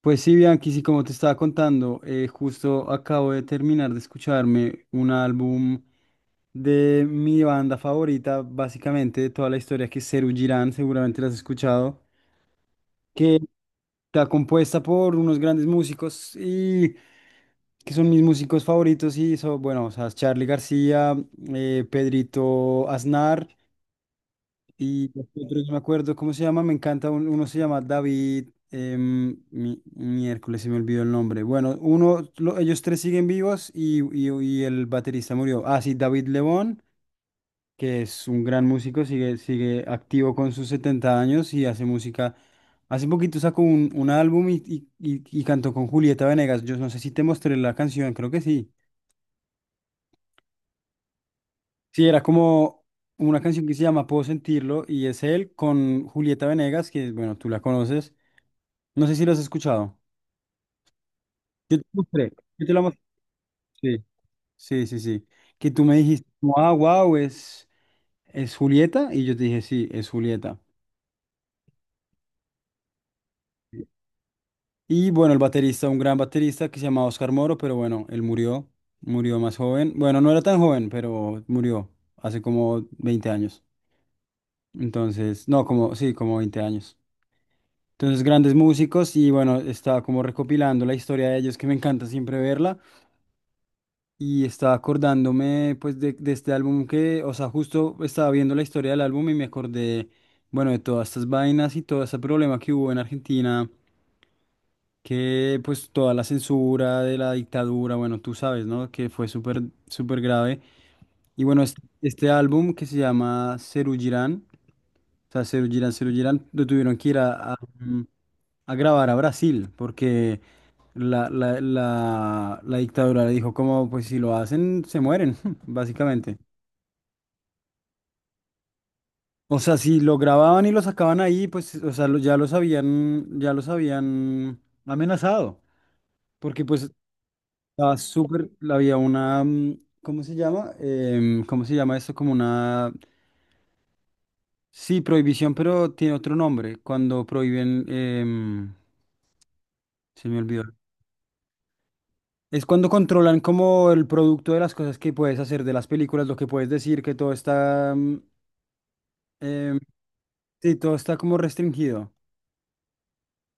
Pues sí, Bianchi, sí, como te estaba contando, justo acabo de terminar de escucharme un álbum de mi banda favorita, básicamente de toda la historia, que es Serú Girán, seguramente la has escuchado, que está compuesta por unos grandes músicos y que son mis músicos favoritos y son, bueno, o sea, Charly García, Pedrito Aznar y otro no me acuerdo cómo se llama, me encanta, uno se llama David, miércoles se me olvidó el nombre. Bueno, uno, ellos tres siguen vivos y y el baterista murió. Ah, sí, David Lebón, que es un gran músico, sigue activo con sus 70 años y hace música. Hace poquito sacó un álbum y y cantó con Julieta Venegas. Yo no sé si te mostré la canción, creo que sí. Sí, era como una canción que se llama Puedo sentirlo y es él con Julieta Venegas, que bueno, tú la conoces. No sé si lo has escuchado. Yo te mostré. Yo te la mostré. Sí, sí, sí. Sí. Que tú me dijiste, como, ah, wow, es Julieta. Y yo te dije, sí, es Julieta. Y bueno, el baterista, un gran baterista que se llamaba Oscar Moro, pero bueno, él murió. Murió más joven. Bueno, no era tan joven, pero murió hace como 20 años. Entonces, no, como, sí, como 20 años. Entonces, grandes músicos y bueno, estaba como recopilando la historia de ellos, que me encanta siempre verla. Y estaba acordándome pues de este álbum que, o sea, justo estaba viendo la historia del álbum y me acordé, bueno, de todas estas vainas y todo ese problema que hubo en Argentina, que pues toda la censura de la dictadura, bueno, tú sabes, ¿no? Que fue súper, súper grave. Y bueno, este álbum que se llama Serú Girán, o sea, Serú Girán, Serú Girán, lo tuvieron que ir a grabar a Brasil, porque la dictadura le dijo como, pues si lo hacen, se mueren, básicamente. O sea, si lo grababan y lo sacaban ahí, pues, o sea, ya los habían amenazado. Porque pues estaba súper, había una. ¿Cómo se llama? ¿Cómo se llama esto? Como una, sí, prohibición, pero tiene otro nombre. Cuando prohíben, se me olvidó. Es cuando controlan como el producto de las cosas que puedes hacer, de las películas, lo que puedes decir, que todo está... Em, Sí, todo está como restringido.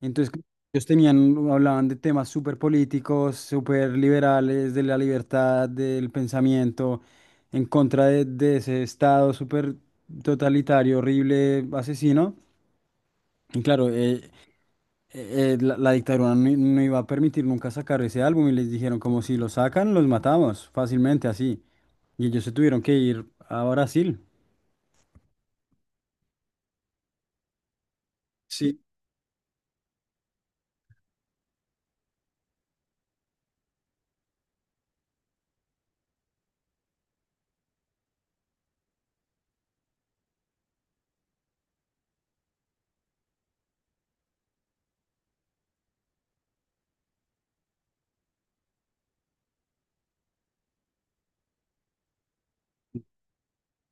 Entonces, como ellos tenían, hablaban de temas súper políticos, súper liberales, de la libertad, del pensamiento, en contra de ese Estado súper totalitario, horrible, asesino. Y claro, la dictadura no, no iba a permitir nunca sacar ese álbum y les dijeron, como si lo sacan, los matamos fácilmente así. Y ellos se tuvieron que ir a Brasil. Sí,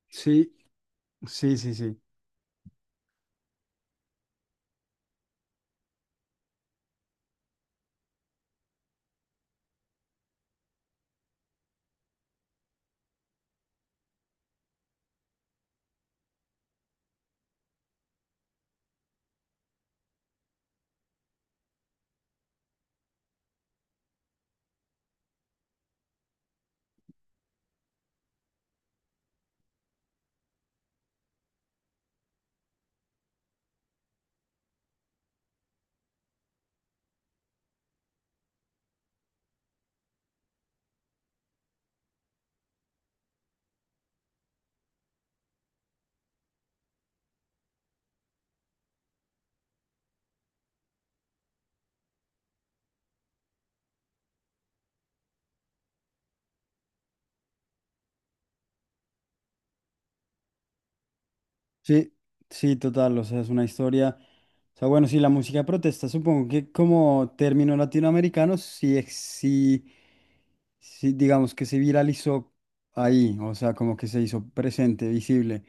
sí, sí, sí, sí. Sí, sí, total, o sea, es una historia. O sea, bueno, sí, la música de protesta, supongo que como término latinoamericano, sí, sí, sí, digamos que se viralizó ahí, o sea, como que se hizo presente, visible.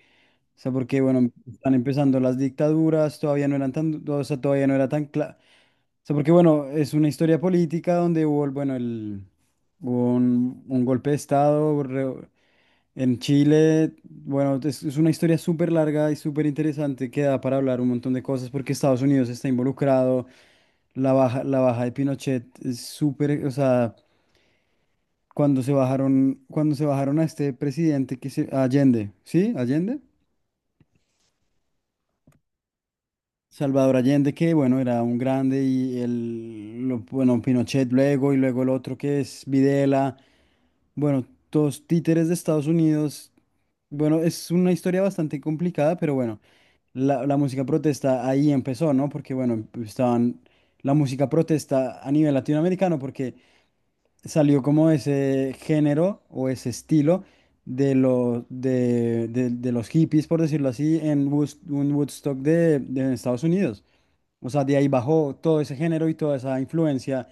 O sea, porque, bueno, están empezando las dictaduras, todavía no eran tan, o sea, todavía no era tan claro. O sea, porque, bueno, es una historia política donde hubo, bueno, el... Hubo un golpe de estado en Chile. Bueno, es una historia súper larga y súper interesante que da para hablar un montón de cosas porque Estados Unidos está involucrado. La baja de Pinochet es súper, o sea, cuando se bajaron a este presidente que se, a Allende, ¿sí? Allende. Salvador Allende, que bueno, era un grande y el, bueno, Pinochet luego y luego el otro que es Videla, bueno, todos títeres de Estados Unidos. Bueno, es una historia bastante complicada, pero bueno, la música protesta ahí empezó, ¿no? Porque bueno, estaban la música protesta a nivel latinoamericano porque salió como ese género o ese estilo de, de los hippies, por decirlo así, en un Woodstock de Estados Unidos. O sea, de ahí bajó todo ese género y toda esa influencia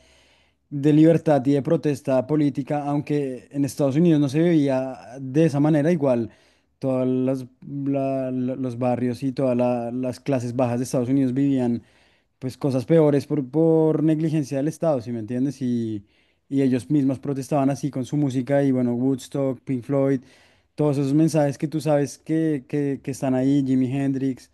de libertad y de protesta política, aunque en Estados Unidos no se veía de esa manera, igual los barrios y las clases bajas de Estados Unidos vivían pues cosas peores por negligencia del Estado, ¿si me entiendes? Y ellos mismos protestaban así con su música y bueno, Woodstock, Pink Floyd, todos esos mensajes que tú sabes que están ahí, Jimi Hendrix.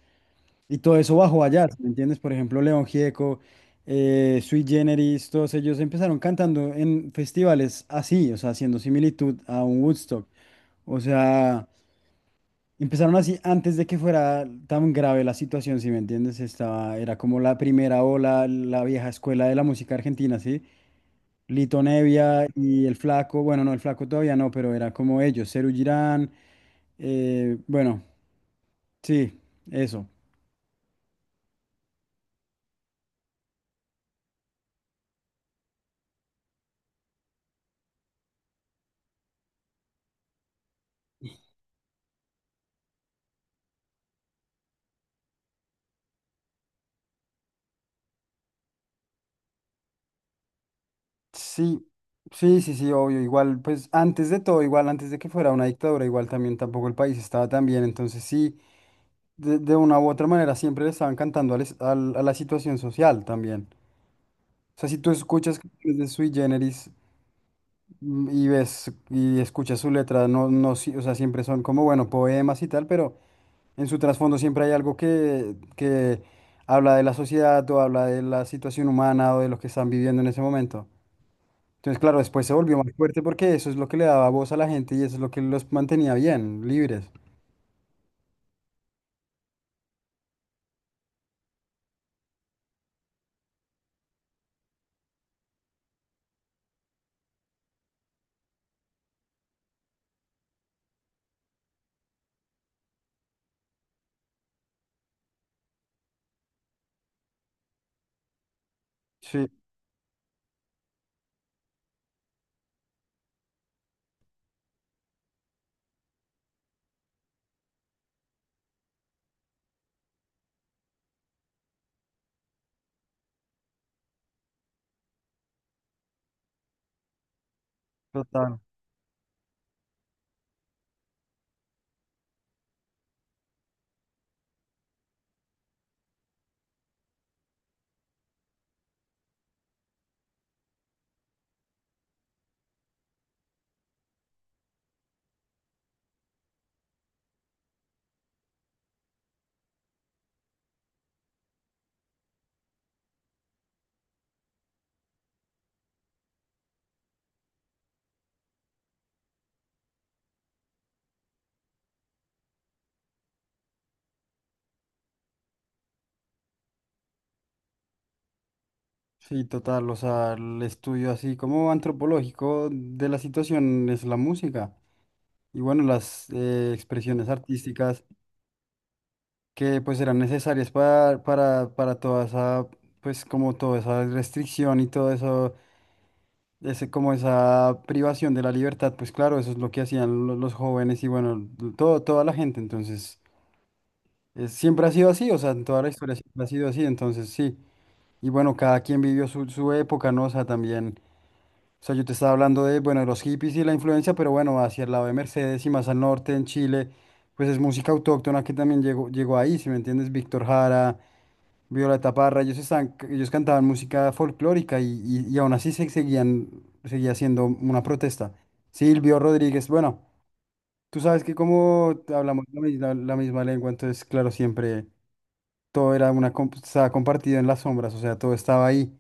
Y todo eso bajo allá, ¿me entiendes? Por ejemplo, León Gieco, Sui Generis, todos ellos empezaron cantando en festivales así, o sea, haciendo similitud a un Woodstock. O sea, empezaron así antes de que fuera tan grave la situación, ¿si me entiendes? Estaba, era como la primera ola, la vieja escuela de la música argentina, ¿sí? Lito Nevia y El Flaco, bueno, no, El Flaco todavía no, pero era como ellos, Serú Girán, bueno, sí, eso. Sí, sí, sí, sí, obvio, igual, pues antes de todo, igual, antes de que fuera una dictadura, igual también tampoco el país estaba tan bien, entonces sí, de una u otra manera siempre le estaban cantando al a la situación social también. O sea, si tú escuchas canciones de Sui Generis mm, y ves y escuchas su letra, no, no, o sea, siempre son como, bueno, poemas y tal, pero en su trasfondo siempre hay algo que habla de la sociedad o habla de la situación humana o de lo que están viviendo en ese momento. Entonces, claro, después se volvió más fuerte porque eso es lo que le daba voz a la gente y eso es lo que los mantenía bien, libres. Sí, total. Sí, total. O sea, el estudio así como antropológico de la situación es la música. Y bueno, las expresiones artísticas que pues eran necesarias para toda esa, pues como toda esa restricción y todo eso, ese, como esa privación de la libertad, pues claro, eso es lo que hacían los jóvenes y bueno, todo, toda la gente. Entonces... siempre ha sido así, o sea, en toda la historia siempre ha sido así, entonces sí. Y bueno, cada quien vivió su, su época, ¿no? O sea, también, o sea, yo te estaba hablando de, bueno, de los hippies y la influencia, pero bueno, hacia el lado de Mercedes y más al norte, en Chile, pues es música autóctona que también llegó, llegó ahí, si me entiendes, Víctor Jara, Violeta Parra, ellos, están, ellos cantaban música folclórica y aún así seguía siendo una protesta. Silvio Rodríguez, bueno, tú sabes que como hablamos la la misma lengua, entonces, claro, siempre todo era una, estaba compartido en las sombras, o sea, todo estaba ahí.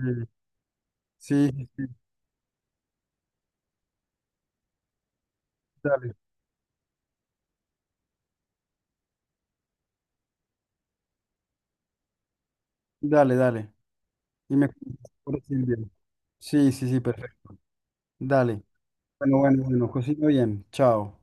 Eh, Sí, sí, sí, dale, dale, dale. Y me cuentas por aquí el sí, sí, sí, perfecto. Dale. Bueno, bueno, bueno, cocina bien. Chao.